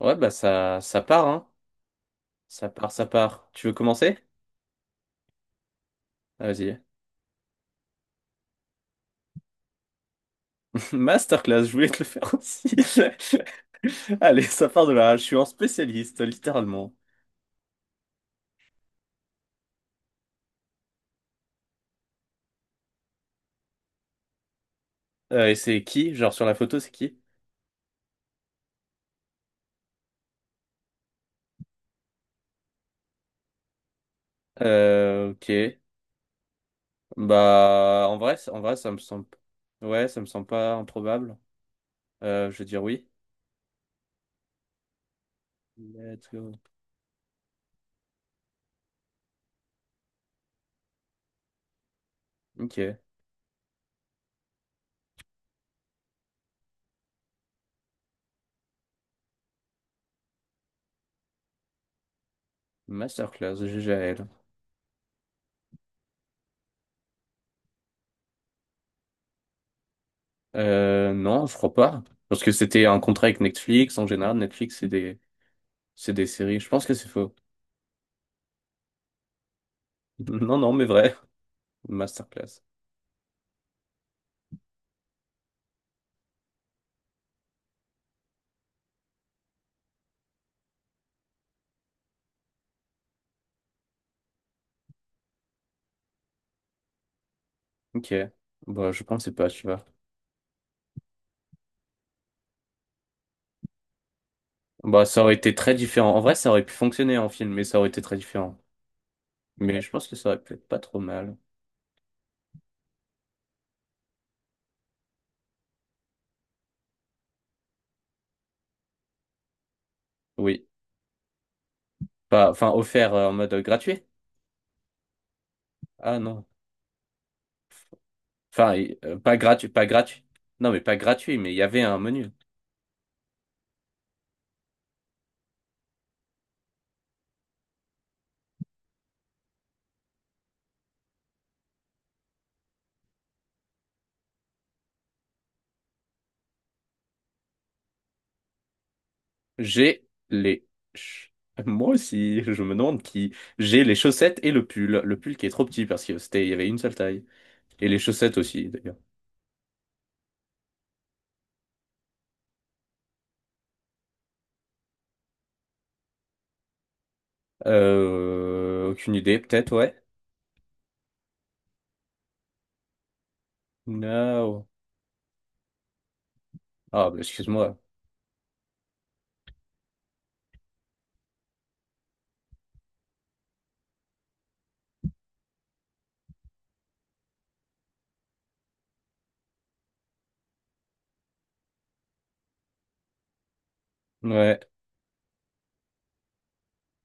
Ouais, bah ça part, hein. Ça part, ça part. Tu veux commencer? Ah, vas-y. Masterclass, je voulais te le faire aussi. Allez, ça part de là. Je suis un spécialiste, littéralement. Et c'est qui? Genre sur la photo, c'est qui? Ok. Bah, en vrai, en vrai, ça me semble. Ouais, ça me semble pas improbable. Je veux dire oui. Let's go. Ok. Masterclass, GGL. Non, je crois pas. Parce que c'était un contrat avec Netflix. En général, Netflix, c'est des séries. Je pense que c'est faux. Non, non, mais vrai. Masterclass. Ok. Bah, je pensais pas, tu vois. Bah, ça aurait été très différent. En vrai, ça aurait pu fonctionner en film, mais ça aurait été très différent. Mais je pense que ça aurait pu être pas trop mal. Oui. Pas, enfin, offert en mode gratuit? Ah non. Enfin, et, pas gratuit, pas gratuit. Non, mais pas gratuit, mais il y avait un menu. J'ai les. ch- Moi aussi, je me demande qui. J'ai les chaussettes et le pull. Le pull qui est trop petit parce que c'était, il y avait une seule taille. Et les chaussettes aussi, d'ailleurs. Aucune idée, peut-être, ouais. No. Ah, bah, excuse-moi. Ouais.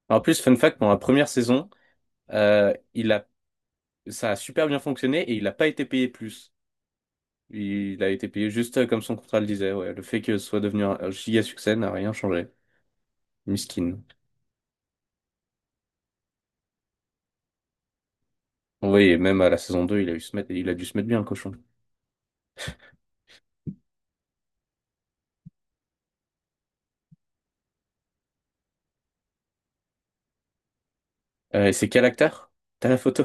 En plus, fun fact, pendant la première saison, euh, il a, ça a super bien fonctionné et il n'a pas été payé plus. Il a été payé juste comme son contrat le disait. Ouais. Le fait que ce soit devenu un giga succès n'a rien changé. Miskin. Oui. Même à la saison deux, il a dû se mettre bien, le cochon. Et c'est quel acteur? T'as la photo?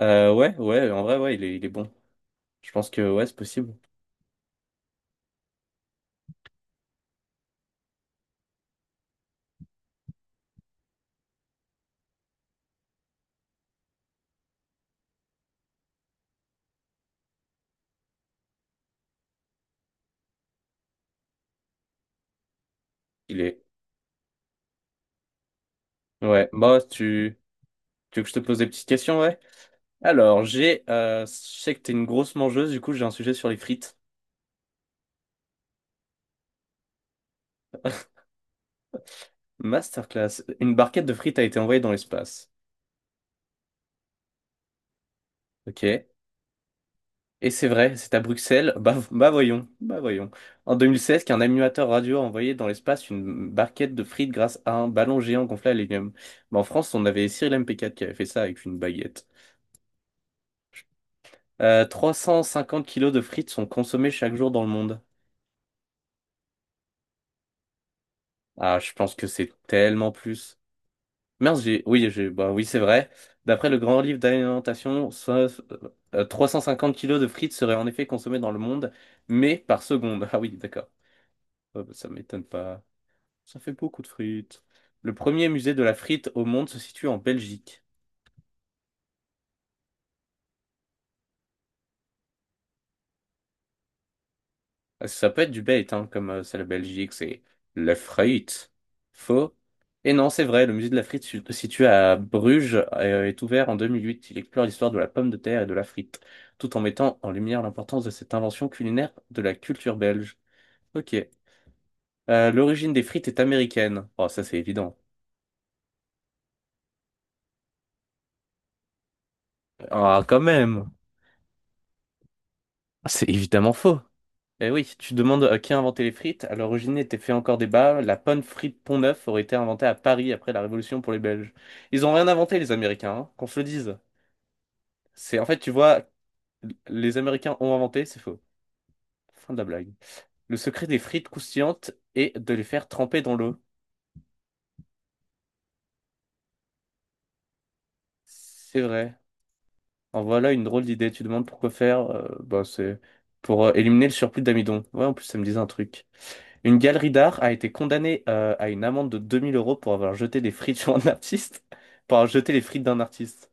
Ouais, ouais, en vrai, ouais, il est bon. Je pense que, ouais, c'est possible. Il est. Ouais. Bah, tu veux que je te pose des petites questions, ouais? Alors, je sais que t'es une grosse mangeuse, du coup, j'ai un sujet sur les frites. Masterclass. Une barquette de frites a été envoyée dans l'espace. Ok. Et c'est vrai, c'est à Bruxelles. Bah, bah voyons, bah voyons. En 2016, qu'un animateur radio a envoyé dans l'espace une barquette de frites grâce à un ballon géant gonflé à l'hélium. Bah, en France, on avait Cyril MP4 qui avait fait ça avec une baguette. 350 kilos de frites sont consommés chaque jour dans le monde. Ah, je pense que c'est tellement plus. Mince, oui, j'ai, bah oui, c'est vrai. D'après le grand livre d'alimentation, 350 kilos de frites seraient en effet consommés dans le monde, mais par seconde. Ah oui, d'accord. Ouais, bah, ça m'étonne pas. Ça fait beaucoup de frites. Le premier musée de la frite au monde se situe en Belgique. Ah, ça peut être du bait, hein, comme c'est la Belgique, c'est le freit. Faux. Et non, c'est vrai, le musée de la frite situé à Bruges est ouvert en 2008. Il explore l'histoire de la pomme de terre et de la frite, tout en mettant en lumière l'importance de cette invention culinaire de la culture belge. Ok. L'origine des frites est américaine. Oh, ça c'est évident. Ah, quand même. C'est évidemment faux. Eh oui, tu demandes à qui a inventé les frites. À l'origine était fait encore débat. La panne frite Pont-Neuf aurait été inventée à Paris après la Révolution pour les Belges. Ils ont rien inventé, les Américains, hein, qu'on se le dise. C'est en fait, tu vois, les Américains ont inventé, c'est faux. Fin de la blague. Le secret des frites croustillantes est de les faire tremper dans l'eau. C'est vrai. En voilà une drôle d'idée. Tu demandes pourquoi faire. Bah, c'est pour éliminer le surplus d'amidon. Ouais, en plus, ça me disait un truc. Une galerie d'art a été condamnée à une amende de 2000 € pour avoir jeté des frites sur un artiste, pour avoir jeté les frites d'un artiste.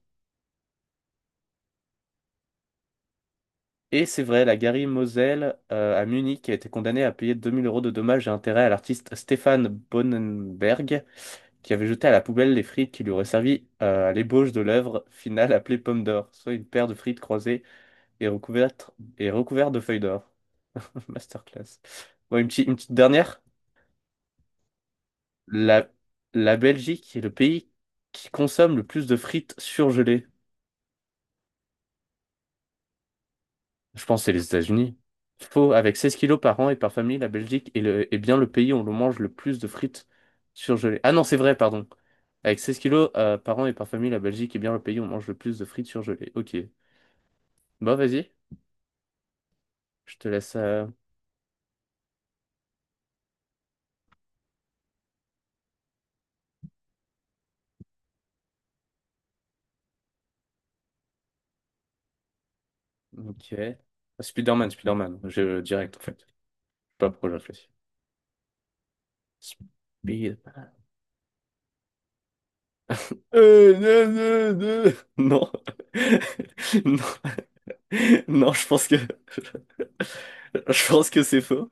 Et c'est vrai, la galerie Moselle à Munich a été condamnée à payer 2000 € de dommages et intérêts à l'artiste Stéphane Bonenberg, qui avait jeté à la poubelle les frites qui lui auraient servi à l'ébauche de l'œuvre finale appelée Pomme d'or, soit une paire de frites croisées et recouvertes, et recouvertes de feuilles d'or. Masterclass. Bon, une petite dernière? La, la Belgique est le pays qui consomme le plus de frites surgelées. Je pense que c'est les États-Unis. Faux, avec 16 kilos par an et par famille, la Belgique est bien le pays où l'on mange le plus de frites surgelées. Ah non, c'est vrai, pardon. Avec 16 kilos par an et par famille, la Belgique est bien le pays où on mange le plus de frites surgelées. Ok. Bon, vas-y. Je te laisse. Ok. Spider-Man, Spider-Man. Je direct, en fait. Je sais pas pourquoi j'ai réfléchi. Spider-Man. Non, non, non. Non. Non. Non, je pense que je pense que c'est faux.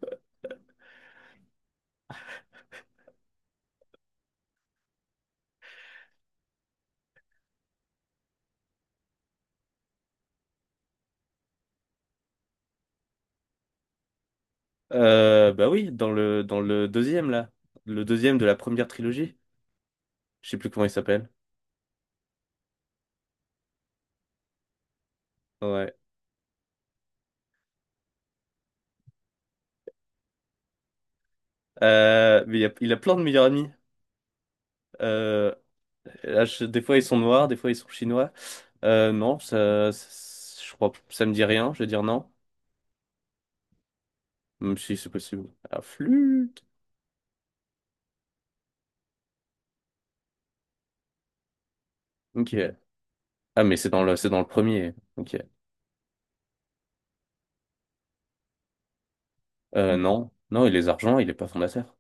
Bah oui, dans le deuxième là, le deuxième de la première trilogie. Je sais plus comment il s'appelle. Ouais. Mais il a plein de meilleurs amis. Euh, Là, des fois ils sont noirs, des fois ils sont chinois. Non, je crois ça me dit rien. Je vais dire non, même si c'est possible. Ah, flûte. Ok. Ah mais c'est dans le premier. Ok. Non, non, il est argent, il est pas fondateur.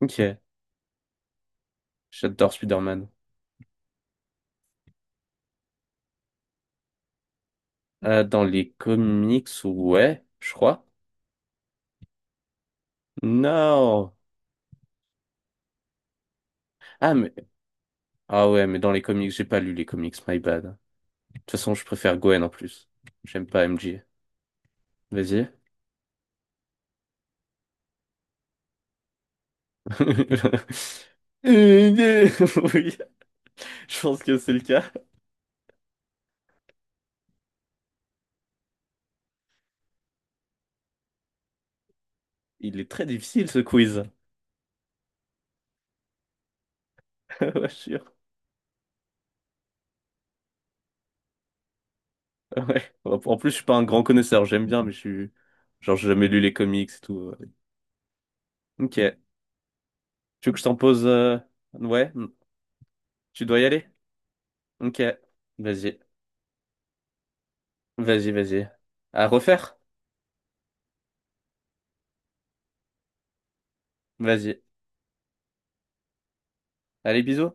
Ok. J'adore Spider-Man. Dans les comics, ouais, je crois. Non. Ah, ah ouais, mais dans les comics, j'ai pas lu les comics, my bad. De toute façon, je préfère Gwen en plus. J'aime pas MJ. Vas-y. Oui, je pense que c'est le cas. Il est très difficile ce quiz. Ouais, je suis sûr. Ouais. En plus, je suis pas un grand connaisseur. J'aime bien, mais je suis. Genre, j'ai jamais lu les comics et tout. Ok. Tu veux que je t'en pose. Ouais. Tu dois y aller? Ok. Vas-y. Vas-y, vas-y. À refaire? Vas-y. Allez, bisous.